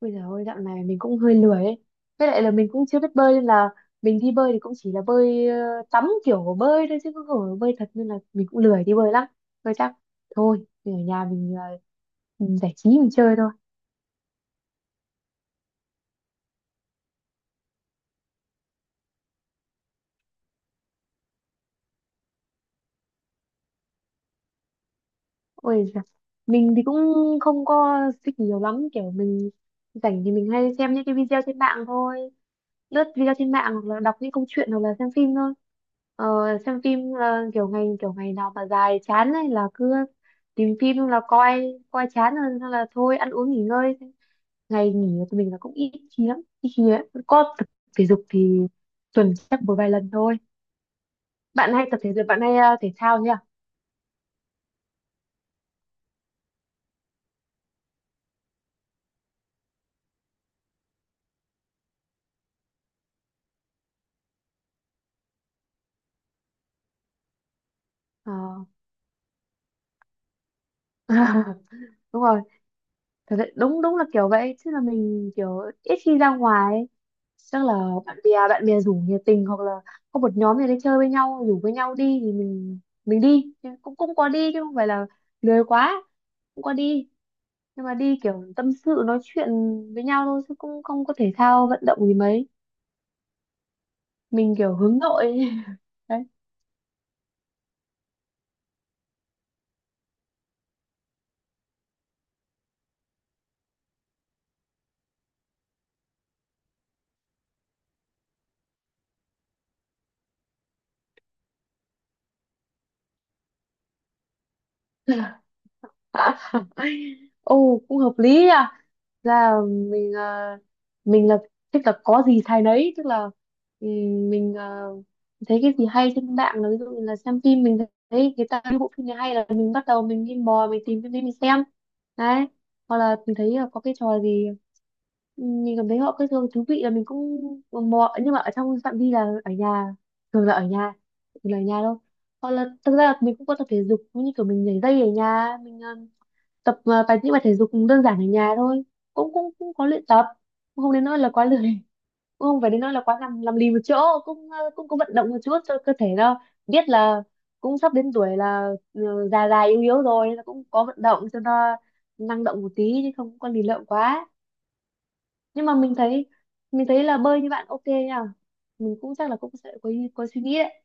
Bây giờ ôi dạo này mình cũng hơi lười ấy. Với lại là mình cũng chưa biết bơi nên là mình đi bơi thì cũng chỉ là bơi tắm kiểu bơi thôi chứ không phải bơi thật nên là mình cũng lười đi bơi lắm. Thôi chắc thôi mình ở nhà mình mình giải trí mình chơi thôi. Ôi giời, mình thì cũng không có thích nhiều lắm, kiểu mình rảnh thì mình hay xem những cái video trên mạng thôi. Lướt video trên mạng hoặc là đọc những câu chuyện hoặc là xem phim thôi, ờ, xem phim là kiểu ngày nào mà dài chán ấy là cứ tìm phim là coi, coi chán rồi là thôi ăn uống nghỉ ngơi. Ngày nghỉ của mình là cũng ít khi lắm, ít khi ấy. Có tập thể dục thì tuần chắc một vài lần thôi. Bạn hay tập thể dục, bạn hay thể thao nhỉ? Ờ. Đúng rồi, thật sự đúng đúng là kiểu vậy chứ, là mình kiểu ít khi ra ngoài ấy. Chắc là bạn bè rủ nhiệt tình hoặc là có một nhóm gì đấy chơi với nhau rủ với nhau đi thì mình đi. Chứ cũng cũng có đi chứ không phải là lười quá, cũng có đi, nhưng mà đi kiểu tâm sự nói chuyện với nhau thôi chứ cũng không có thể thao vận động gì mấy. Mình kiểu hướng nội đấy. Ồ cũng hợp lý nha. Ra là mình mình là thích là có gì thay nấy, tức là mình thấy cái gì hay trên mạng, là ví dụ như là xem phim, mình thấy người ta cái bộ phim này hay là mình bắt đầu mình đi mò mình tìm phim đấy mình xem đấy. Hoặc là mình thấy là có cái trò gì ừ, mình cảm thấy họ cái thường thú vị là mình cũng mò, nhưng mà ở trong phạm vi là ở nhà, thường là ở nhà, thường là ở nhà đâu. Hoặc là thực ra là mình cũng có tập thể dục, như kiểu mình nhảy dây ở nhà mình tập à, bài những bài thể dục cũng đơn giản ở nhà thôi, cũng cũng cũng có luyện tập, cũng không đến nỗi là quá lười cũng không phải đến nỗi là quá nằm nằm lì một chỗ, cũng có vận động một chút cho cơ thể nó biết là cũng sắp đến tuổi là ừ, già già yếu yếu rồi, nên là cũng có vận động cho nó năng động một tí chứ không có lì lợm quá. Nhưng mà mình thấy, mình thấy là bơi như bạn ok nha, mình cũng chắc là cũng sẽ có có suy nghĩ đấy.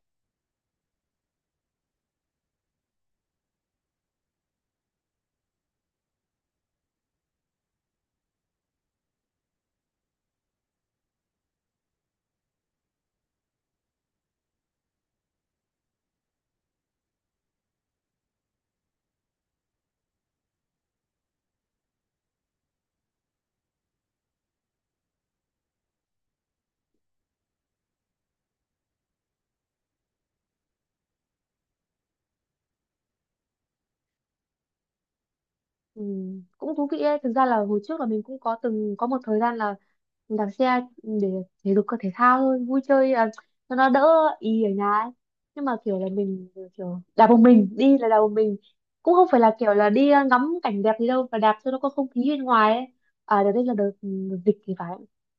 Ừ, cũng thú vị đấy. Thực ra là hồi trước là mình cũng có từng có một thời gian là đạp xe để thể dục cơ thể thao thôi, vui chơi cho nó đỡ ý ở nhà ấy. Nhưng mà kiểu là mình kiểu đạp một mình, đi là đạp một mình, cũng không phải là kiểu là đi ngắm cảnh đẹp gì đâu, mà đạp cho nó có không khí bên ngoài ấy. À đợt đấy là đợt, ừ, đợt dịch thì phải,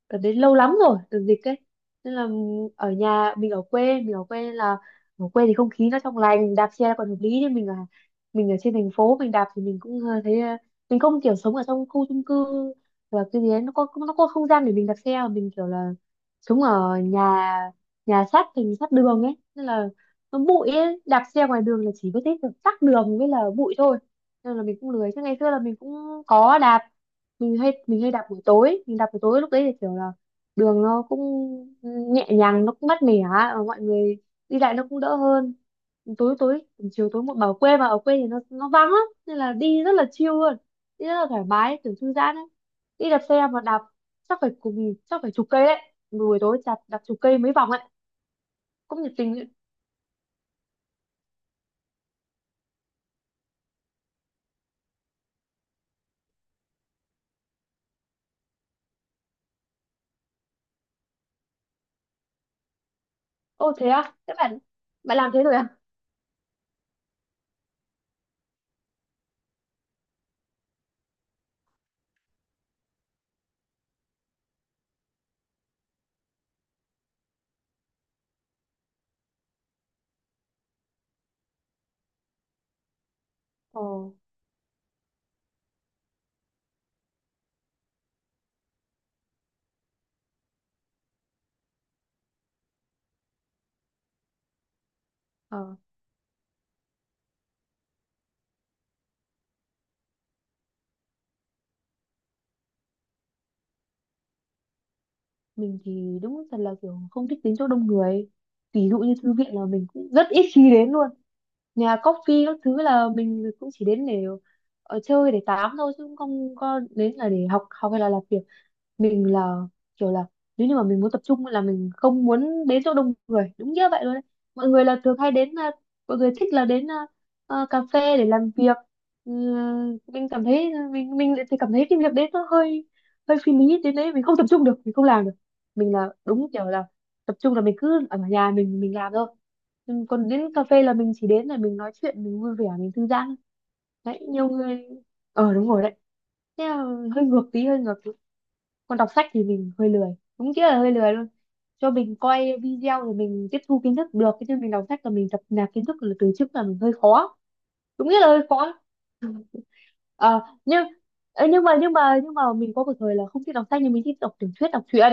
đợt đấy lâu lắm rồi, đợt dịch ấy. Nên là ừ, ở nhà mình ở quê, mình ở quê nên là ở quê thì không khí nó trong lành, đạp xe còn hợp lý. Nhưng mình là mình ở trên thành phố, mình đạp thì mình cũng mình không kiểu sống ở trong khu chung cư và cái gì đấy nó có không gian để mình đạp xe, mà mình kiểu là sống ở nhà, nhà sát sát đường ấy nên là nó bụi ấy, đạp xe ngoài đường là chỉ có thấy tắc đường với là bụi thôi, nên là mình cũng lười. Chứ ngày xưa là mình cũng có đạp, mình hay đạp buổi tối, mình đạp buổi tối lúc đấy thì kiểu là đường nó cũng nhẹ nhàng, nó cũng mát mẻ, mọi người đi lại nó cũng đỡ hơn. Tối tối chiều tối một bảo quê, mà ở quê thì nó vắng lắm nên là đi rất là chill luôn, đi rất là thoải mái, kiểu thư giãn ấy. Đi đạp xe mà đạp chắc phải chắc phải chục cây đấy, buổi tối chặt đạp chục cây mấy vòng ấy, cũng nhiệt tình ấy. Ô thế à các bạn, bạn làm thế rồi à? Ồ ờ mình thì đúng thật là kiểu không thích đến chỗ đông người, ví dụ như thư viện là mình cũng rất ít khi đến luôn. Nhà coffee các thứ là mình cũng chỉ đến để ở chơi để tám thôi, chứ không có đến là để học học hay là làm việc. Mình là kiểu là nếu như mà mình muốn tập trung là mình không muốn đến chỗ đông người, đúng như vậy luôn đấy. Mọi người là thường hay đến mọi người thích là đến cà phê để làm việc. Ừ, mình cảm thấy mình lại thì cảm thấy cái việc đấy nó hơi hơi phi lý, đến đấy mình không tập trung được, mình không làm được. Mình là đúng kiểu là tập trung là mình cứ ở nhà mình làm thôi. Ừ, còn đến cà phê là mình chỉ đến để mình nói chuyện, mình vui vẻ, mình thư giãn đấy. Nhiều người ờ đúng rồi đấy, thế là hơi ngược tí, hơi ngược. Còn đọc sách thì mình hơi lười, đúng nghĩa là hơi lười luôn. Cho mình coi video rồi mình tiếp thu kiến thức được, chứ mình đọc sách là mình tập nạp kiến thức là từ trước là mình hơi khó, đúng nghĩa là hơi khó. Ờ, nhưng ờ, nhưng mà nhưng mà nhưng mà mình có một thời là không thích đọc sách, nhưng mình thích đọc tiểu thuyết, đọc truyện.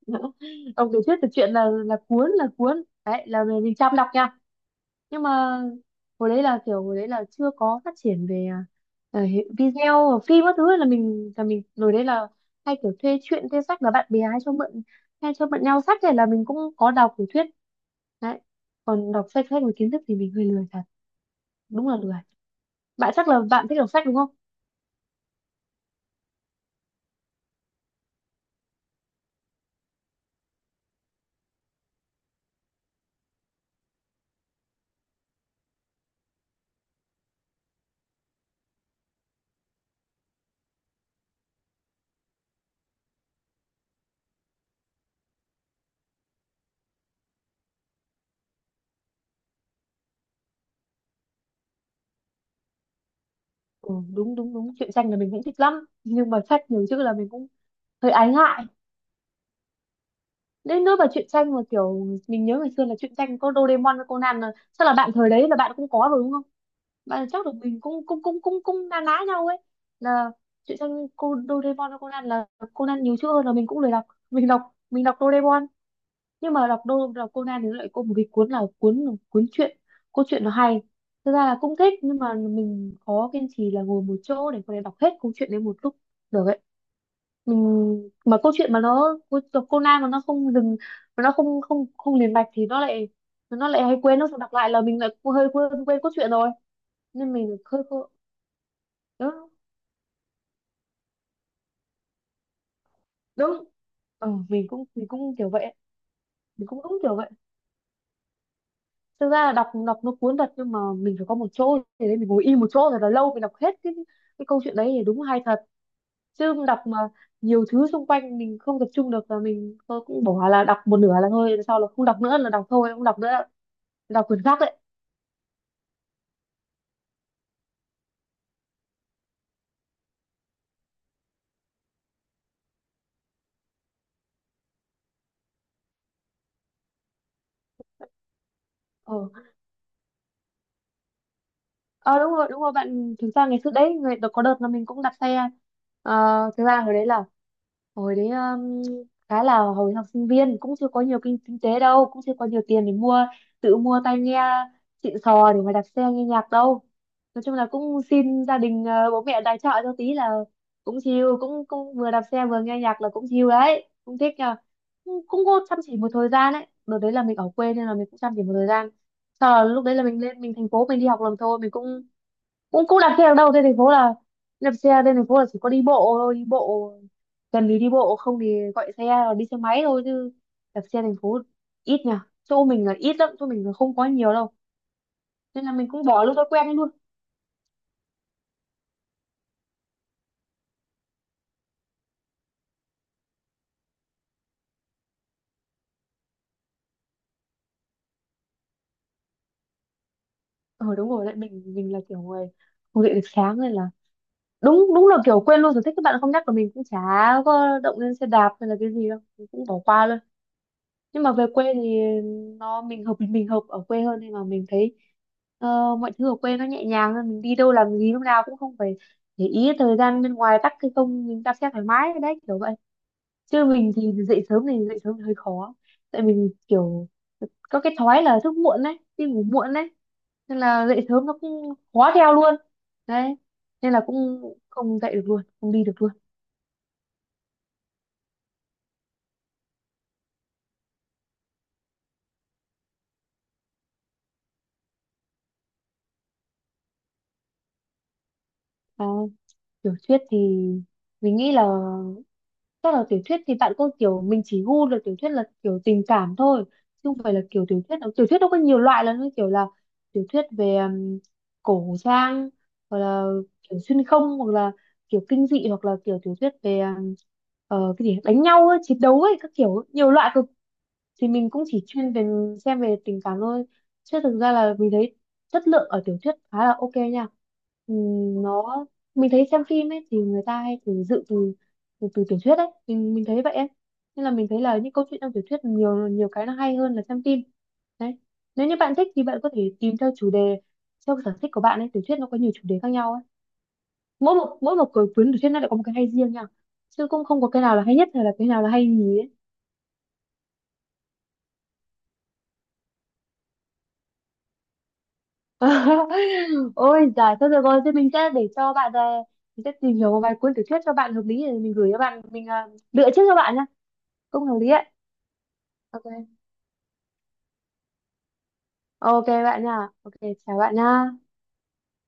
Đọc tiểu thuyết tiểu truyện là cuốn đấy là mình chăm đọc nha. Nhưng mà hồi đấy là kiểu hồi đấy là chưa có phát triển về video phim các thứ, là mình hồi đấy là hay kiểu thuê truyện thuê sách, là bạn bè hay cho mượn, hay cho mượn nhau sách thì là mình cũng có đọc tiểu thuyết đấy. Còn đọc sách sách và kiến thức thì mình hơi lười thật, đúng là lười. Bạn chắc là bạn thích đọc sách đúng không? Ừ, đúng đúng đúng truyện tranh là mình cũng thích lắm, nhưng mà sách nhiều chữ là mình cũng hơi ái ngại. Đến nỗi mà truyện tranh mà kiểu mình nhớ ngày xưa là truyện tranh có Doraemon với Conan là chắc là bạn thời đấy là bạn cũng có rồi đúng không? Bạn chắc là mình cũng cũng cũng cũng cũng na ná nhau ấy. Là truyện tranh cô Doraemon với Conan là Conan nhiều chữ hơn là mình cũng lười đọc, mình đọc mình đọc Doraemon. Nhưng mà đọc Conan thì nó lại có một cái cuốn, là cuốn cuốn truyện câu chuyện nó hay. Thực ra là cũng thích, nhưng mà mình khó kiên trì là ngồi một chỗ để có thể đọc hết câu chuyện đấy một lúc được ấy. Mình mà câu chuyện mà nó đọc Conan mà nó không dừng, mà nó không không không liền mạch thì nó lại hay quên, nó đọc lại là mình lại hơi quên quên cốt truyện rồi, nên mình hơi đúng đúng. Ừ, mình cũng kiểu vậy, mình cũng đúng kiểu vậy. Thực ra là đọc đọc nó cuốn thật, nhưng mà mình phải có một chỗ thế nên mình ngồi im một chỗ rồi là lâu mình đọc hết cái câu chuyện đấy thì đúng hay thật. Chứ đọc mà nhiều thứ xung quanh mình không tập trung được là tôi cũng bỏ, là đọc một nửa là thôi, sau là không đọc nữa, là đọc thôi không đọc nữa, đọc quyển khác đấy. Ờ Ờ, đúng rồi bạn. Thực ra ngày xưa đấy người có đợt là mình cũng đặt xe. Ờ, thực ra hồi đấy là hồi đấy khá là hồi học sinh viên cũng chưa có nhiều kinh tế đâu, cũng chưa có nhiều tiền để tự mua tai nghe xịn sò để mà đặt xe nghe nhạc đâu. Nói chung là cũng xin gia đình bố mẹ tài trợ cho tí là cũng chill, cũng cũng vừa đạp xe vừa nghe nhạc là cũng chill đấy, cũng thích nhờ. Cũng có chăm chỉ một thời gian đấy, đợt đấy là mình ở quê nên là mình cũng chăm chỉ một thời gian. Sau là lúc đấy là mình lên thành phố mình đi học làm thôi, mình cũng cũng cũng đạp xe ở đâu trên thành phố là đạp xe trên thành phố là chỉ có đi bộ thôi, đi bộ cần thì đi bộ, không thì gọi xe hoặc đi xe máy thôi, chứ đạp xe thành phố ít nhỉ, chỗ mình là ít lắm, chỗ mình là không có nhiều đâu, nên là mình cũng bỏ luôn thói quen ấy luôn. Ờ đúng rồi đấy, mình là kiểu người không dậy được sáng nên là đúng đúng là kiểu quên luôn sở thích. Các bạn không nhắc là mình cũng chả có động lên xe đạp hay là cái gì đâu, mình cũng bỏ qua luôn. Nhưng mà về quê thì nó mình hợp ở quê hơn, nên mà mình thấy ờ, mọi thứ ở quê nó nhẹ nhàng hơn, mình đi đâu làm gì lúc nào cũng không phải để ý thời gian bên ngoài tắc hay không, mình đạp xe thoải mái đấy kiểu vậy. Chứ mình thì dậy sớm thì hơi khó, tại mình kiểu có cái thói là thức muộn đấy, đi ngủ muộn đấy, nên là dậy sớm nó cũng khó theo luôn đấy, nên là cũng không dậy được luôn, không đi được luôn. Tiểu thuyết thì mình nghĩ là chắc là tiểu thuyết thì bạn có kiểu mình chỉ gu là tiểu thuyết là kiểu tình cảm thôi, chứ không phải là kiểu tiểu thuyết nó có nhiều loại lắm, như kiểu là tiểu thuyết về cổ trang, hoặc là kiểu xuyên không, hoặc là kiểu kinh dị, hoặc là kiểu tiểu thuyết về cái gì đánh nhau ấy, chiến đấu ấy, các kiểu nhiều loại cực. Thì mình cũng chỉ chuyên về xem về tình cảm thôi, chứ thực ra là mình thấy chất lượng ở tiểu thuyết khá là ok nha. Nó mình thấy xem phim ấy thì người ta hay từ dự từ từ, từ tiểu thuyết ấy, mình thấy vậy ấy, nên là mình thấy là những câu chuyện trong tiểu thuyết nhiều, nhiều cái nó hay hơn là xem phim đấy. Nếu như bạn thích thì bạn có thể tìm theo chủ đề, theo sở thích của bạn ấy, tiểu thuyết nó có nhiều chủ đề khác nhau ấy. Mỗi một cuốn cuốn tiểu thuyết nó lại có một cái hay riêng nha, chứ cũng không có cái nào là hay nhất hay là cái nào là hay nhì ấy. Ôi giời, thôi được rồi, thế mình sẽ để cho bạn mình sẽ tìm hiểu một vài cuốn tiểu thuyết cho bạn hợp lý để mình gửi cho bạn, mình lựa trước cho bạn nha. Cũng hợp lý ấy. Ok. Ok bạn nha. Ok, chào bạn nha.